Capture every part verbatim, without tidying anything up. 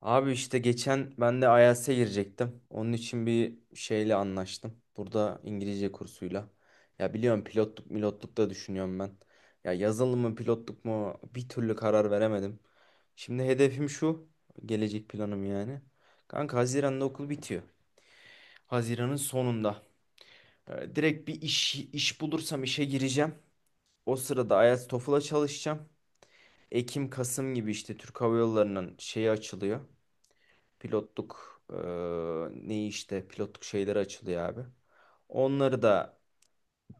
Abi işte geçen ben de I E L T S'e girecektim. Onun için bir şeyle anlaştım. Burada İngilizce kursuyla. Ya biliyorum pilotluk milotluk da düşünüyorum ben. Ya yazılım mı pilotluk mu bir türlü karar veremedim. Şimdi hedefim şu. Gelecek planım yani. Kanka Haziran'da okul bitiyor. Haziran'ın sonunda. Ee, Direkt bir iş iş bulursam işe gireceğim. O sırada I E L T S TOEFL'a çalışacağım. Ekim Kasım gibi işte Türk Hava Yolları'nın şeyi açılıyor. Pilotluk eee, ne işte pilotluk şeyleri açılıyor abi. Onları da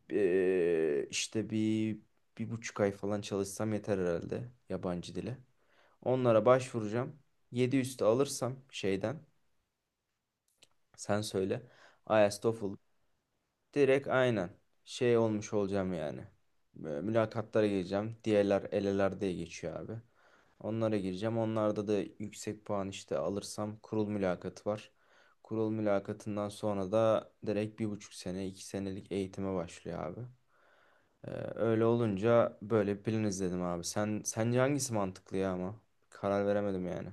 eee, işte bir bir buçuk ay falan çalışsam yeter herhalde yabancı dile. Onlara başvuracağım. yedi üstü alırsam şeyden sen söyle. I E L T S, TOEFL direkt aynen şey olmuş olacağım yani. Böyle Mülakatlara gireceğim. Diğerler eleler diye geçiyor abi. Onlara gireceğim. Onlarda da yüksek puan işte alırsam kurul mülakatı var. Kurul mülakatından sonra da direkt bir buçuk sene, iki senelik eğitime başlıyor abi. Ee, öyle olunca böyle bir plan izledim abi. Sen sence hangisi mantıklı ya ama? Karar veremedim yani.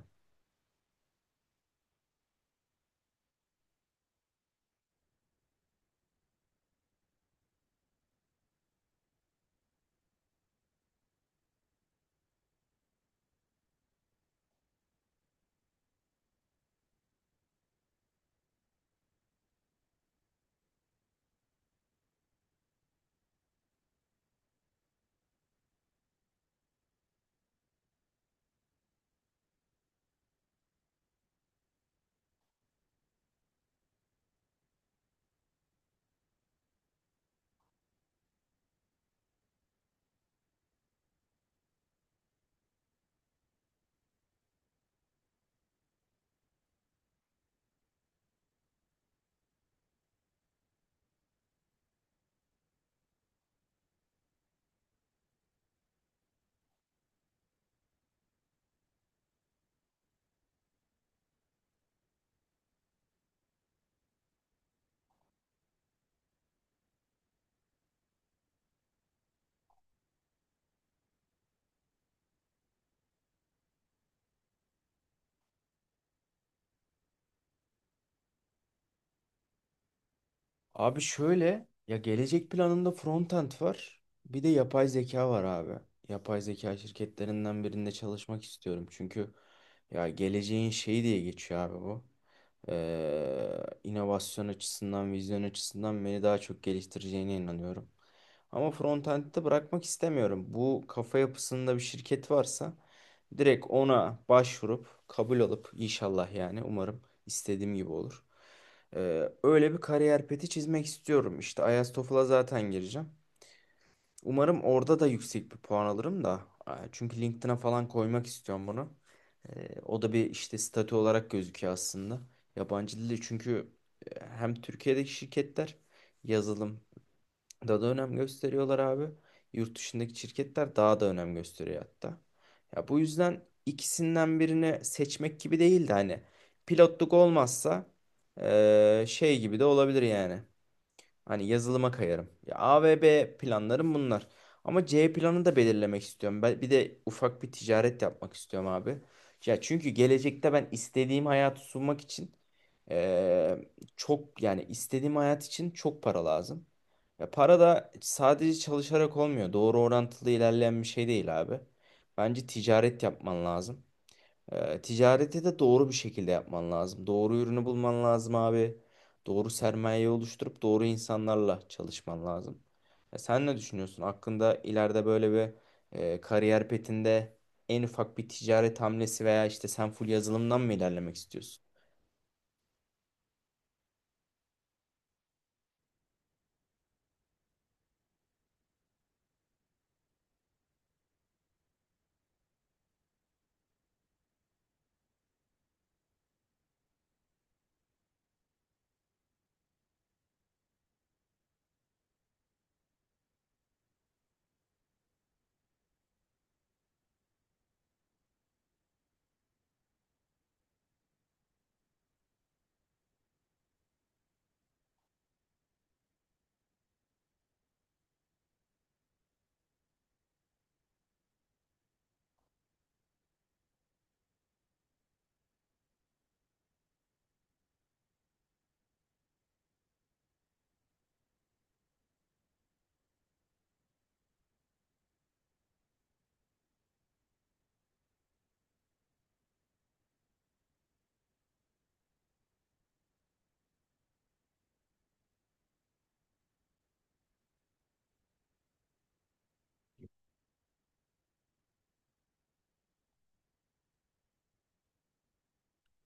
Abi şöyle ya, gelecek planımda frontend var. Bir de yapay zeka var abi. Yapay zeka şirketlerinden birinde çalışmak istiyorum. Çünkü ya, geleceğin şeyi diye geçiyor abi bu. Ee, inovasyon açısından, vizyon açısından beni daha çok geliştireceğine inanıyorum. Ama frontend'de bırakmak istemiyorum. Bu kafa yapısında bir şirket varsa direkt ona başvurup kabul alıp inşallah, yani umarım istediğim gibi olur. Ee, öyle bir kariyer peti çizmek istiyorum. İşte I E L T S TOEFL'a zaten gireceğim. Umarım orada da yüksek bir puan alırım da. Ee, Çünkü LinkedIn'e falan koymak istiyorum bunu. Ee, o da bir işte statü olarak gözüküyor aslında. Yabancı dili çünkü e, hem Türkiye'deki şirketler yazılım daha da önem gösteriyorlar abi. Yurt dışındaki şirketler daha da önem gösteriyor hatta. Ya bu yüzden ikisinden birini seçmek gibi değil de, hani pilotluk olmazsa eee, şey gibi de olabilir yani. Hani yazılıma kayarım. Ya, A ve B planlarım bunlar. Ama C planını da belirlemek istiyorum. Ben bir de ufak bir ticaret yapmak istiyorum abi. Ya çünkü gelecekte ben istediğim hayatı sunmak için eee, çok, yani istediğim hayat için çok para lazım. Ya para da sadece çalışarak olmuyor. Doğru orantılı ilerleyen bir şey değil abi. Bence ticaret yapman lazım. Ee, ticareti de doğru bir şekilde yapman lazım. Doğru ürünü bulman lazım abi. Doğru sermayeyi oluşturup doğru insanlarla çalışman lazım. Ya sen ne düşünüyorsun? Hakkında ileride böyle bir e, kariyer petinde en ufak bir ticaret hamlesi veya işte sen full yazılımdan mı ilerlemek istiyorsun?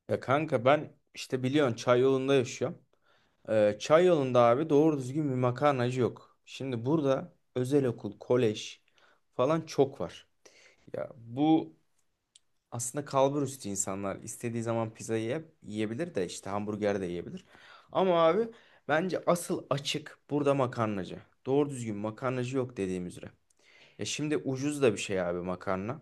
Ya kanka, ben işte biliyorsun çay yolunda yaşıyorum. Ee, çay yolunda abi doğru düzgün bir makarnacı yok. Şimdi burada özel okul, kolej falan çok var. Ya bu Aslında kalbur üstü insanlar istediği zaman pizzayı ye- yiyebilir de, işte hamburger de yiyebilir. Ama abi bence asıl açık burada makarnacı. Doğru düzgün makarnacı yok dediğim üzere. Ya şimdi ucuz da bir şey abi makarna.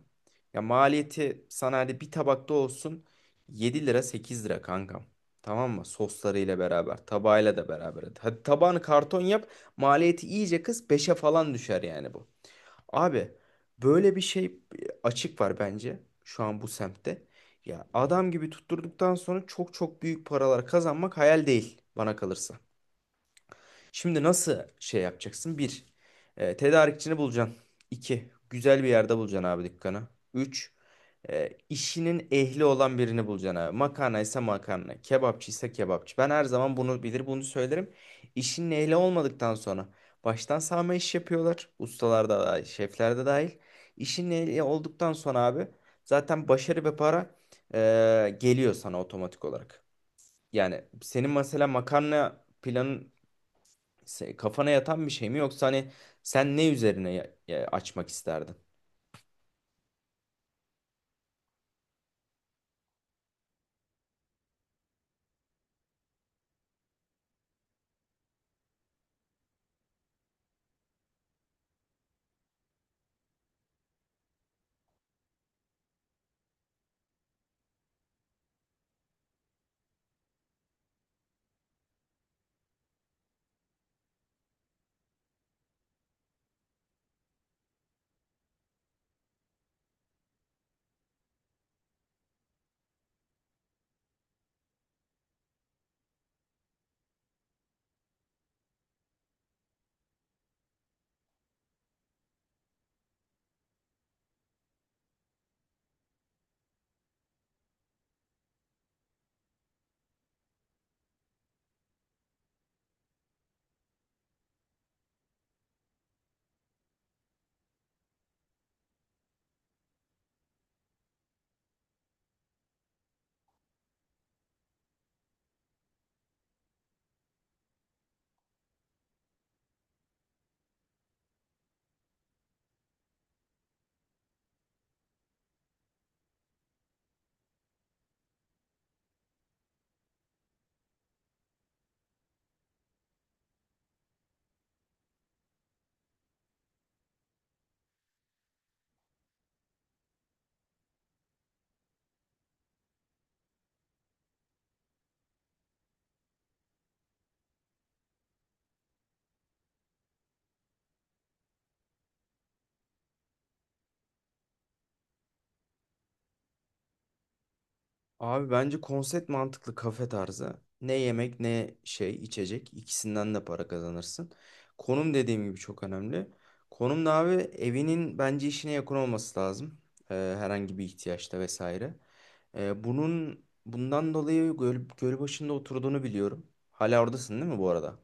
Ya maliyeti sana hadi bir tabakta olsun yedi lira, sekiz lira kankam. Tamam mı? Soslarıyla beraber, tabağıyla da beraber. Hadi tabağını karton yap, maliyeti iyice kıs, beşe falan düşer yani bu. Abi böyle bir şey e, açık var bence şu an bu semtte. Ya adam gibi tutturduktan sonra çok çok büyük paralar kazanmak hayal değil bana kalırsa. Şimdi nasıl şey yapacaksın? Bir, e, tedarikçini bulacaksın. İki, güzel bir yerde bulacaksın abi dükkanı. Üç, e, işinin ehli olan birini bulacaksın abi. Makarna ise makarna, kebapçı ise kebapçı. Ben her zaman bunu bilir, bunu söylerim. İşinin ehli olmadıktan sonra baştan sağma iş yapıyorlar. Ustalar da dahil, şefler de dahil. İşinin ehli olduktan sonra abi zaten başarı ve para e, geliyor sana otomatik olarak. Yani senin mesela makarna planın se- kafana yatan bir şey mi, yoksa hani sen ne üzerine ya- ya- açmak isterdin? Abi bence konsept mantıklı, kafe tarzı. Ne yemek ne şey içecek, ikisinden de para kazanırsın. Konum dediğim gibi çok önemli. Konum da abi evinin, bence işine yakın olması lazım. Ee, herhangi bir ihtiyaçta vesaire. Ee, bunun bundan dolayı göl, Gölbaşı'nda oturduğunu biliyorum. Hala oradasın değil mi bu arada?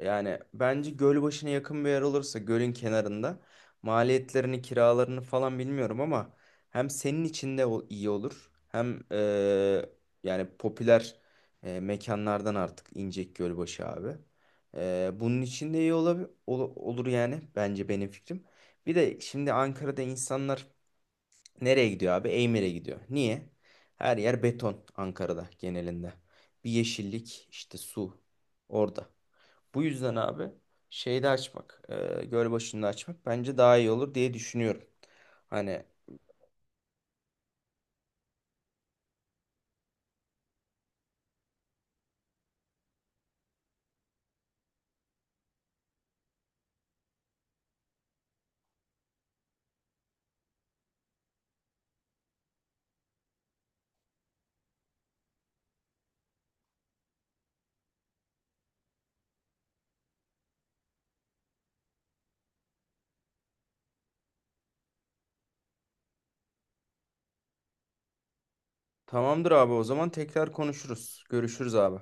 Yani bence göl başına yakın bir yer olursa, gölün kenarında, maliyetlerini kiralarını falan bilmiyorum ama hem senin için de o- iyi olur, hem eee, yani popüler eee, mekanlardan artık İncek Gölbaşı abi. Eee, bunun için de iyi olab- ol- olur yani, bence benim fikrim. Bir de şimdi Ankara'da insanlar nereye gidiyor abi? Eymir'e gidiyor. Niye? Her yer beton Ankara'da genelinde. Bir yeşillik işte, su orada. Bu yüzden abi şeyde açmak, e, Gölbaşı'nda açmak bence daha iyi olur diye düşünüyorum. Hani, tamamdır abi, o zaman tekrar konuşuruz. Görüşürüz abi.